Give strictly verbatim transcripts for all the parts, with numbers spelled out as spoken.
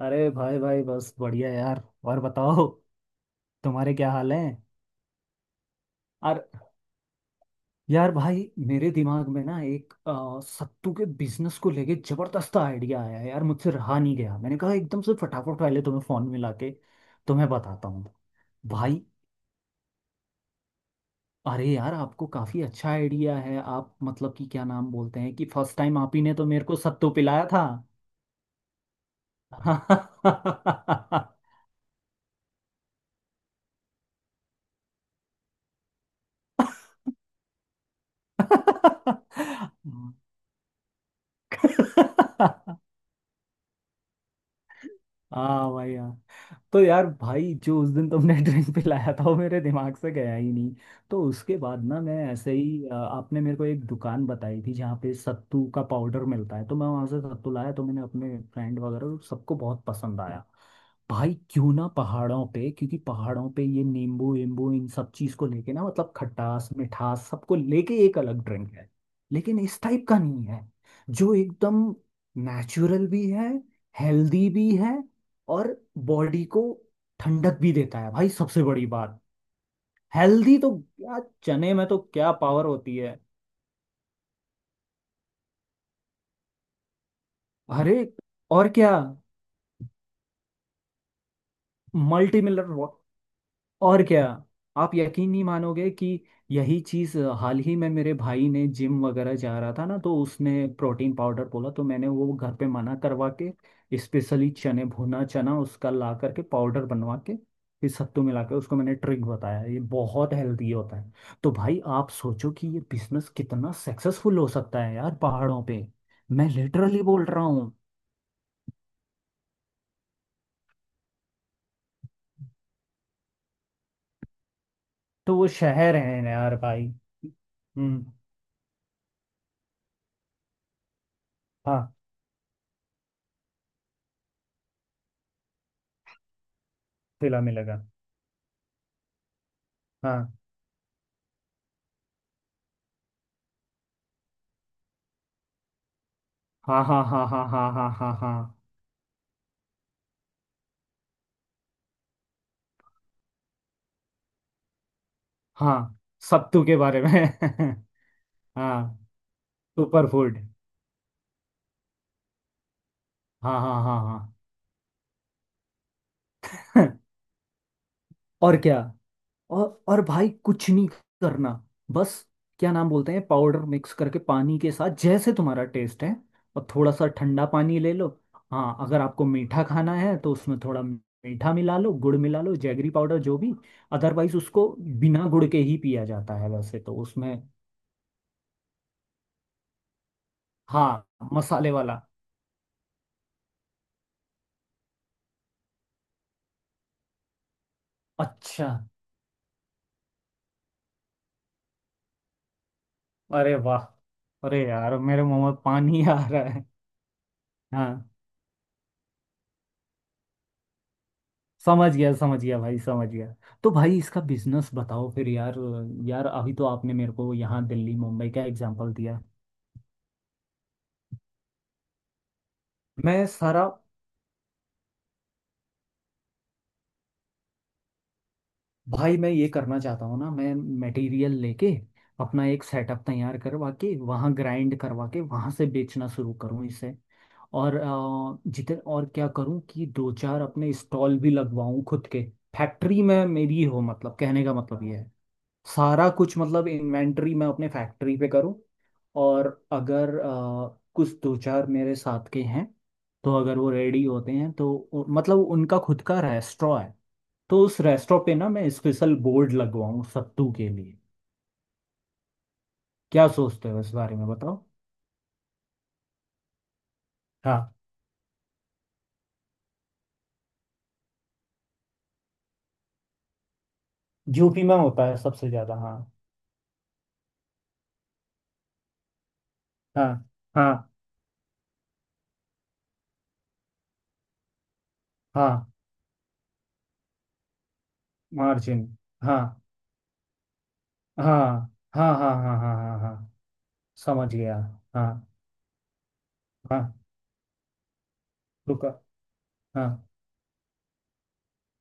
अरे भाई भाई बस बढ़िया यार। और बताओ। तुम्हारे क्या हाल है। और यार भाई मेरे दिमाग में ना एक अ, सत्तू के बिजनेस को लेके जबरदस्त आइडिया आया है यार। मुझसे रहा नहीं गया। मैंने कहा एकदम से फटाफट पहले तुम्हें फोन मिला के तुम्हें बताता हूँ भाई। अरे यार आपको काफी अच्छा आइडिया है। आप मतलब कि क्या नाम बोलते हैं कि फर्स्ट टाइम आप ही ने तो मेरे को सत्तू पिलाया था। हाँ भाई हाँ। तो यार भाई जो उस दिन तुमने ड्रिंक पिलाया था वो मेरे दिमाग से गया ही नहीं। तो उसके बाद ना मैं ऐसे ही अ, आपने मेरे को एक दुकान बताई थी जहाँ पे सत्तू का पाउडर मिलता है। तो मैं वहाँ से सत्तू लाया। तो मैंने अपने फ्रेंड वगैरह को सबको बहुत पसंद आया। भाई क्यों ना पहाड़ों पे, क्योंकि पहाड़ों पे ये नींबू वींबू इन सब चीज़ को लेके ना मतलब खटास मिठास सबको लेके एक अलग ड्रिंक है, लेकिन इस टाइप का नहीं है। जो एकदम नेचुरल भी है, हेल्दी भी है, और बॉडी को ठंडक भी देता है भाई, सबसे बड़ी बात। हेल्दी तो क्या, चने में तो क्या पावर होती है। अरे, और क्या। मल्टी मिनरल, और क्या। आप यकीन नहीं मानोगे कि यही चीज़ हाल ही में मेरे भाई ने जिम वगैरह जा रहा था ना, तो उसने प्रोटीन पाउडर बोला, तो मैंने वो घर पे मना करवा के स्पेशली चने भुना चना उसका ला करके पाउडर बनवा के फिर सत्तू मिला के उसको मैंने ट्रिक बताया। ये बहुत हेल्दी होता है। तो भाई आप सोचो कि ये बिजनेस कितना सक्सेसफुल हो सकता है यार पहाड़ों पे। मैं लिटरली बोल रहा हूँ। तो वो शहर है यार भाई। हम्म। हाँ। ठेला मिलेगा। हाँ हाँ हाँ हाँ हाँ हाँ हाँ हाँ हाँ हाँ। सत्तू के बारे में। हाँ। Super food. हाँ हाँ हाँ हाँ। और क्या। और और भाई कुछ नहीं करना, बस। क्या नाम बोलते हैं, पाउडर मिक्स करके पानी के साथ जैसे तुम्हारा टेस्ट है, और थोड़ा सा ठंडा पानी ले लो। हाँ, अगर आपको मीठा खाना है तो उसमें थोड़ा मीठा मिला लो, गुड़ मिला लो, जैगरी पाउडर जो भी। अदरवाइज उसको बिना गुड़ के ही पिया जाता है वैसे तो उसमें। हाँ, मसाले वाला। अच्छा। अरे वाह। अरे यार मेरे मुंह में पानी आ रहा है। हाँ, समझ गया समझ गया भाई समझ गया। तो भाई इसका बिजनेस बताओ फिर यार। यार अभी तो आपने मेरे को यहाँ दिल्ली मुंबई का एग्जांपल दिया। मैं सारा। भाई मैं ये करना चाहता हूँ ना। मैं मटेरियल लेके अपना एक सेटअप तैयार करवा के वहाँ ग्राइंड करवा के वहाँ से बेचना शुरू करूँ इसे। और अ, जितने, और क्या करूं कि दो चार अपने स्टॉल भी लगवाऊं खुद के। फैक्ट्री में मेरी हो, मतलब कहने का मतलब ये है सारा कुछ मतलब इन्वेंटरी मैं अपने फैक्ट्री पे करूँ। और अगर अ, कुछ दो चार मेरे साथ के हैं, तो अगर वो रेडी होते हैं तो उ- मतलब उनका खुद का रेस्टोरेंट है, तो उस रेस्टोरेंट पे ना मैं स्पेशल बोर्ड लगवाऊँ सत्तू के लिए। क्या सोचते हो इस बारे में, बताओ। हाँ, यूपी में होता है सबसे ज्यादा, हाँ। हाँ हाँ हाँ, मार्जिन, हाँ हाँ हाँ हाँ हाँ हाँ हाँ हाँ, समझ गया। हाँ हाँ, रुका, हाँ।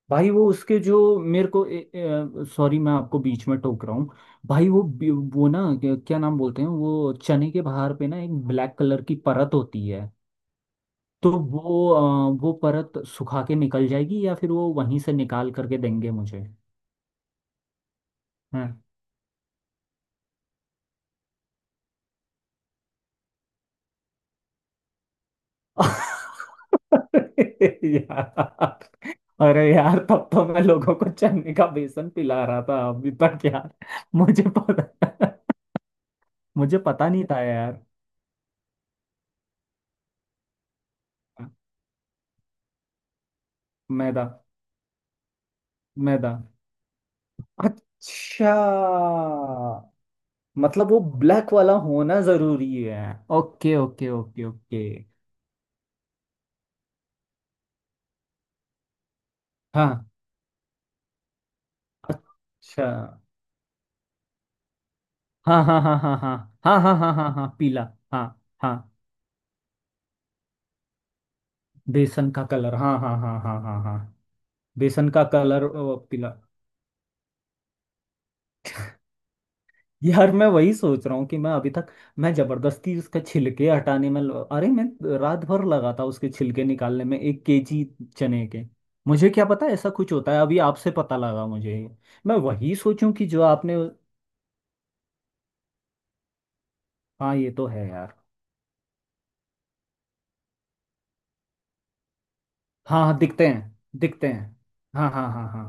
भाई वो उसके जो मेरे को, सॉरी, मैं आपको बीच में टोक रहा हूँ। भाई वो बी- वो ना क्या क्या नाम बोलते हैं, वो चने के बाहर पे ना एक ब्लैक कलर की परत होती है। तो वो अ, वो परत सुखा के निकल जाएगी, या फिर वो वहीं से निकाल करके देंगे मुझे। हाँ यार। अरे यार तब तो मैं लोगों को चने का बेसन पिला रहा था अभी तक यार। मुझे पता मुझे पता नहीं था यार। मैदा। मैदा, अच्छा। मतलब वो ब्लैक वाला होना जरूरी है। ओके ओके ओके ओके, हाँ अच्छा। हाँ हाँ हाँ हाँ हाँ हाँ हाँ हाँ हाँ हाँ, पीला। हाँ हाँ, बेसन का कलर, हाँ हाँ हाँ हाँ हाँ हाँ हाँ। बेसन का कलर, पीला। यार मैं वही सोच रहा हूँ कि मैं अभी तक, मैं जबरदस्ती उसका छिलके हटाने में ल- अरे मैं रात भर लगा था उसके छिलके निकालने में, एक केजी चने के। मुझे क्या पता ऐसा कुछ होता है, अभी आपसे पता लगा मुझे ये। मैं वही सोचूं कि जो आपने। हाँ, ये तो है यार। हाँ हाँ, दिखते हैं दिखते हैं। हाँ हाँ हाँ हाँ।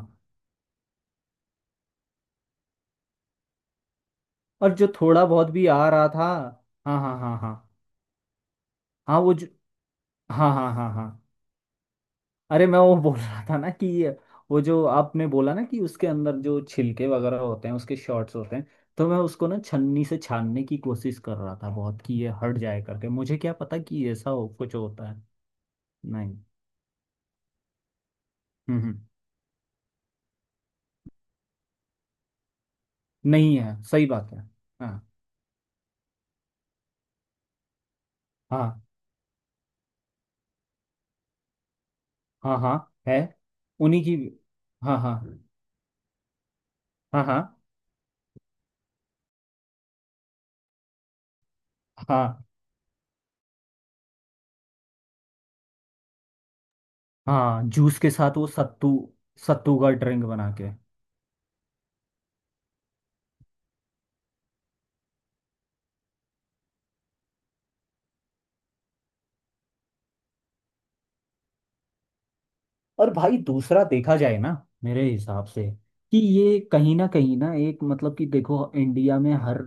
और जो थोड़ा बहुत भी आ रहा था। हाँ हाँ हाँ हाँ हाँ। वो जो हाँ हाँ हाँ हाँ। अरे मैं वो बोल रहा था ना कि ये- वो जो आपने बोला ना कि उसके अंदर जो छिलके वगैरह होते हैं, उसके शॉर्ट्स होते हैं, तो मैं उसको ना छन्नी से छानने की कोशिश कर रहा था बहुत कि ये हट जाए करके। मुझे क्या पता कि ऐसा हो कुछ होता है। नहीं। हम्म हम्म, नहीं है, सही बात है। हाँ हाँ हाँ हाँ है। उन्हीं की। हाँ हाँ हाँ हाँ हाँ हाँ, जूस के साथ वो सत्तू। सत्तू का ड्रिंक बना के। और भाई दूसरा देखा जाए ना, मेरे हिसाब से, कि ये कहीं ना कहीं ना एक मतलब कि देखो इंडिया में हर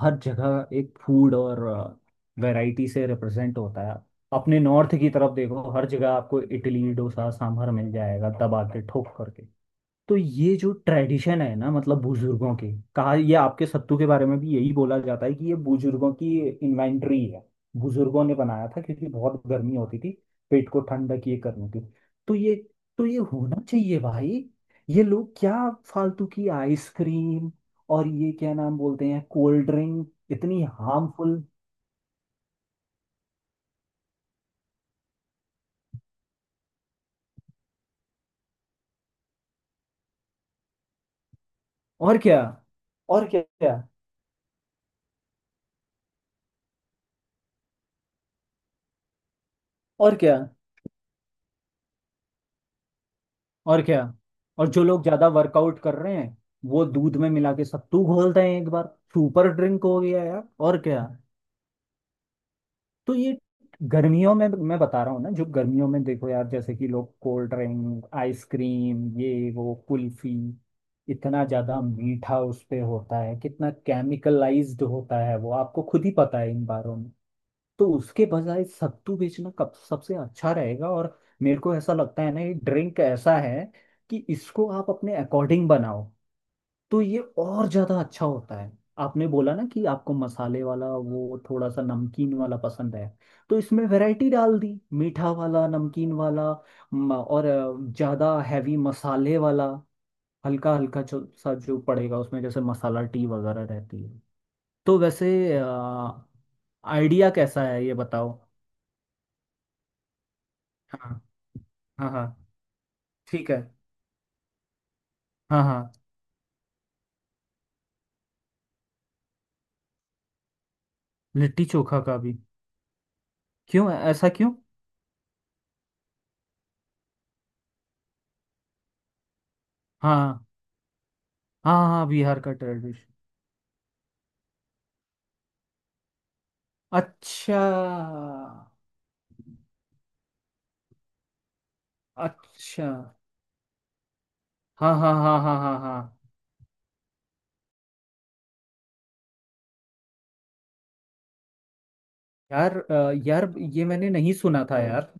हर जगह एक फूड और वैरायटी से रिप्रेजेंट होता है। अपने नॉर्थ की तरफ देखो, हर जगह आपको इडली डोसा सांभर मिल जाएगा दबा के ठोक करके। तो ये जो ट्रेडिशन है ना, मतलब बुजुर्गों के कहा, ये आपके सत्तू के बारे में भी यही बोला जाता है कि ये बुजुर्गों की इन्वेंटरी है। बुजुर्गों ने बनाया था क्योंकि बहुत गर्मी होती थी, पेट को ठंडक ये करने की। तो ये तो ये होना चाहिए भाई। ये लोग क्या फालतू की आइसक्रीम और ये क्या नाम बोलते हैं, कोल्ड ड्रिंक, इतनी हार्मफुल। और क्या। और क्या। और क्या। और क्या। और जो लोग ज्यादा वर्कआउट कर रहे हैं, वो दूध में मिला के सत्तू घोलते हैं एक बार। सुपर ड्रिंक हो गया यार, और क्या। तो ये गर्मियों में, मैं बता रहा हूँ ना, जो गर्मियों में देखो यार जैसे कि लोग कोल्ड ड्रिंक आइसक्रीम ये वो कुल्फी, इतना ज्यादा मीठा उस पे होता है, कितना केमिकलाइज्ड होता है वो आपको खुद ही पता है इन बारों। तो उसके बजाय सत्तू बेचना कब सबसे अच्छा रहेगा, और मेरे को ऐसा लगता है ना ये ड्रिंक ऐसा है कि इसको आप अपने अकॉर्डिंग बनाओ तो ये और ज्यादा अच्छा होता है। आपने बोला ना कि आपको मसाले वाला वो थोड़ा सा नमकीन वाला पसंद है। तो इसमें वैरायटी डाल दी, मीठा वाला, नमकीन वाला, म- और अ, ज्यादा हैवी मसाले वाला, हल्का हल्का जो सा जो पड़ेगा उसमें जैसे मसाला टी वगैरह रहती है, तो वैसे। आइडिया कैसा है ये बताओ। हाँ हाँ हाँ, ठीक है, हाँ हाँ, लिट्टी चोखा का भी क्यों, ऐसा क्यों। हाँ हाँ हाँ हाँ, बिहार का ट्रेडिशन। अच्छा। अच्छा, हाँ हाँ हाँ हाँ हाँ हाँ। यार अ, यार ये मैंने नहीं सुना था यार।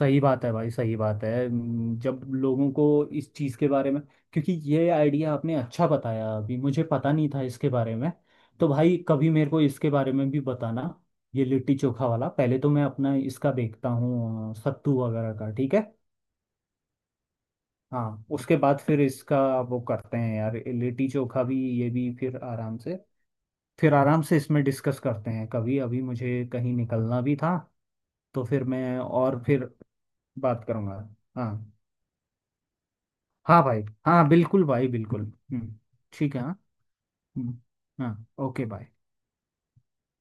सही बात है भाई, सही बात है। हम्म, जब लोगों को इस चीज़ के बारे में, क्योंकि ये आइडिया आपने अच्छा बताया, अभी मुझे पता नहीं था इसके बारे में। तो भाई कभी मेरे को इसके बारे में भी बताना, ये लिट्टी चोखा वाला। पहले तो मैं अपना इसका देखता हूँ, अ, सत्तू वगैरह का, ठीक है। हाँ, उसके बाद फिर इसका वो करते हैं यार, ये लिट्टी चोखा भी। ये भी फिर आराम से, फिर आराम से इसमें डिस्कस करते हैं कभी, अभी मुझे कहीं निकलना भी था। तो फिर मैं, और फिर बात करूँगा। हाँ, हाँ भाई हाँ, बिल्कुल भाई बिल्कुल। हम्म, ठीक है, हाँ। हम्म, हाँ ओके, बाय।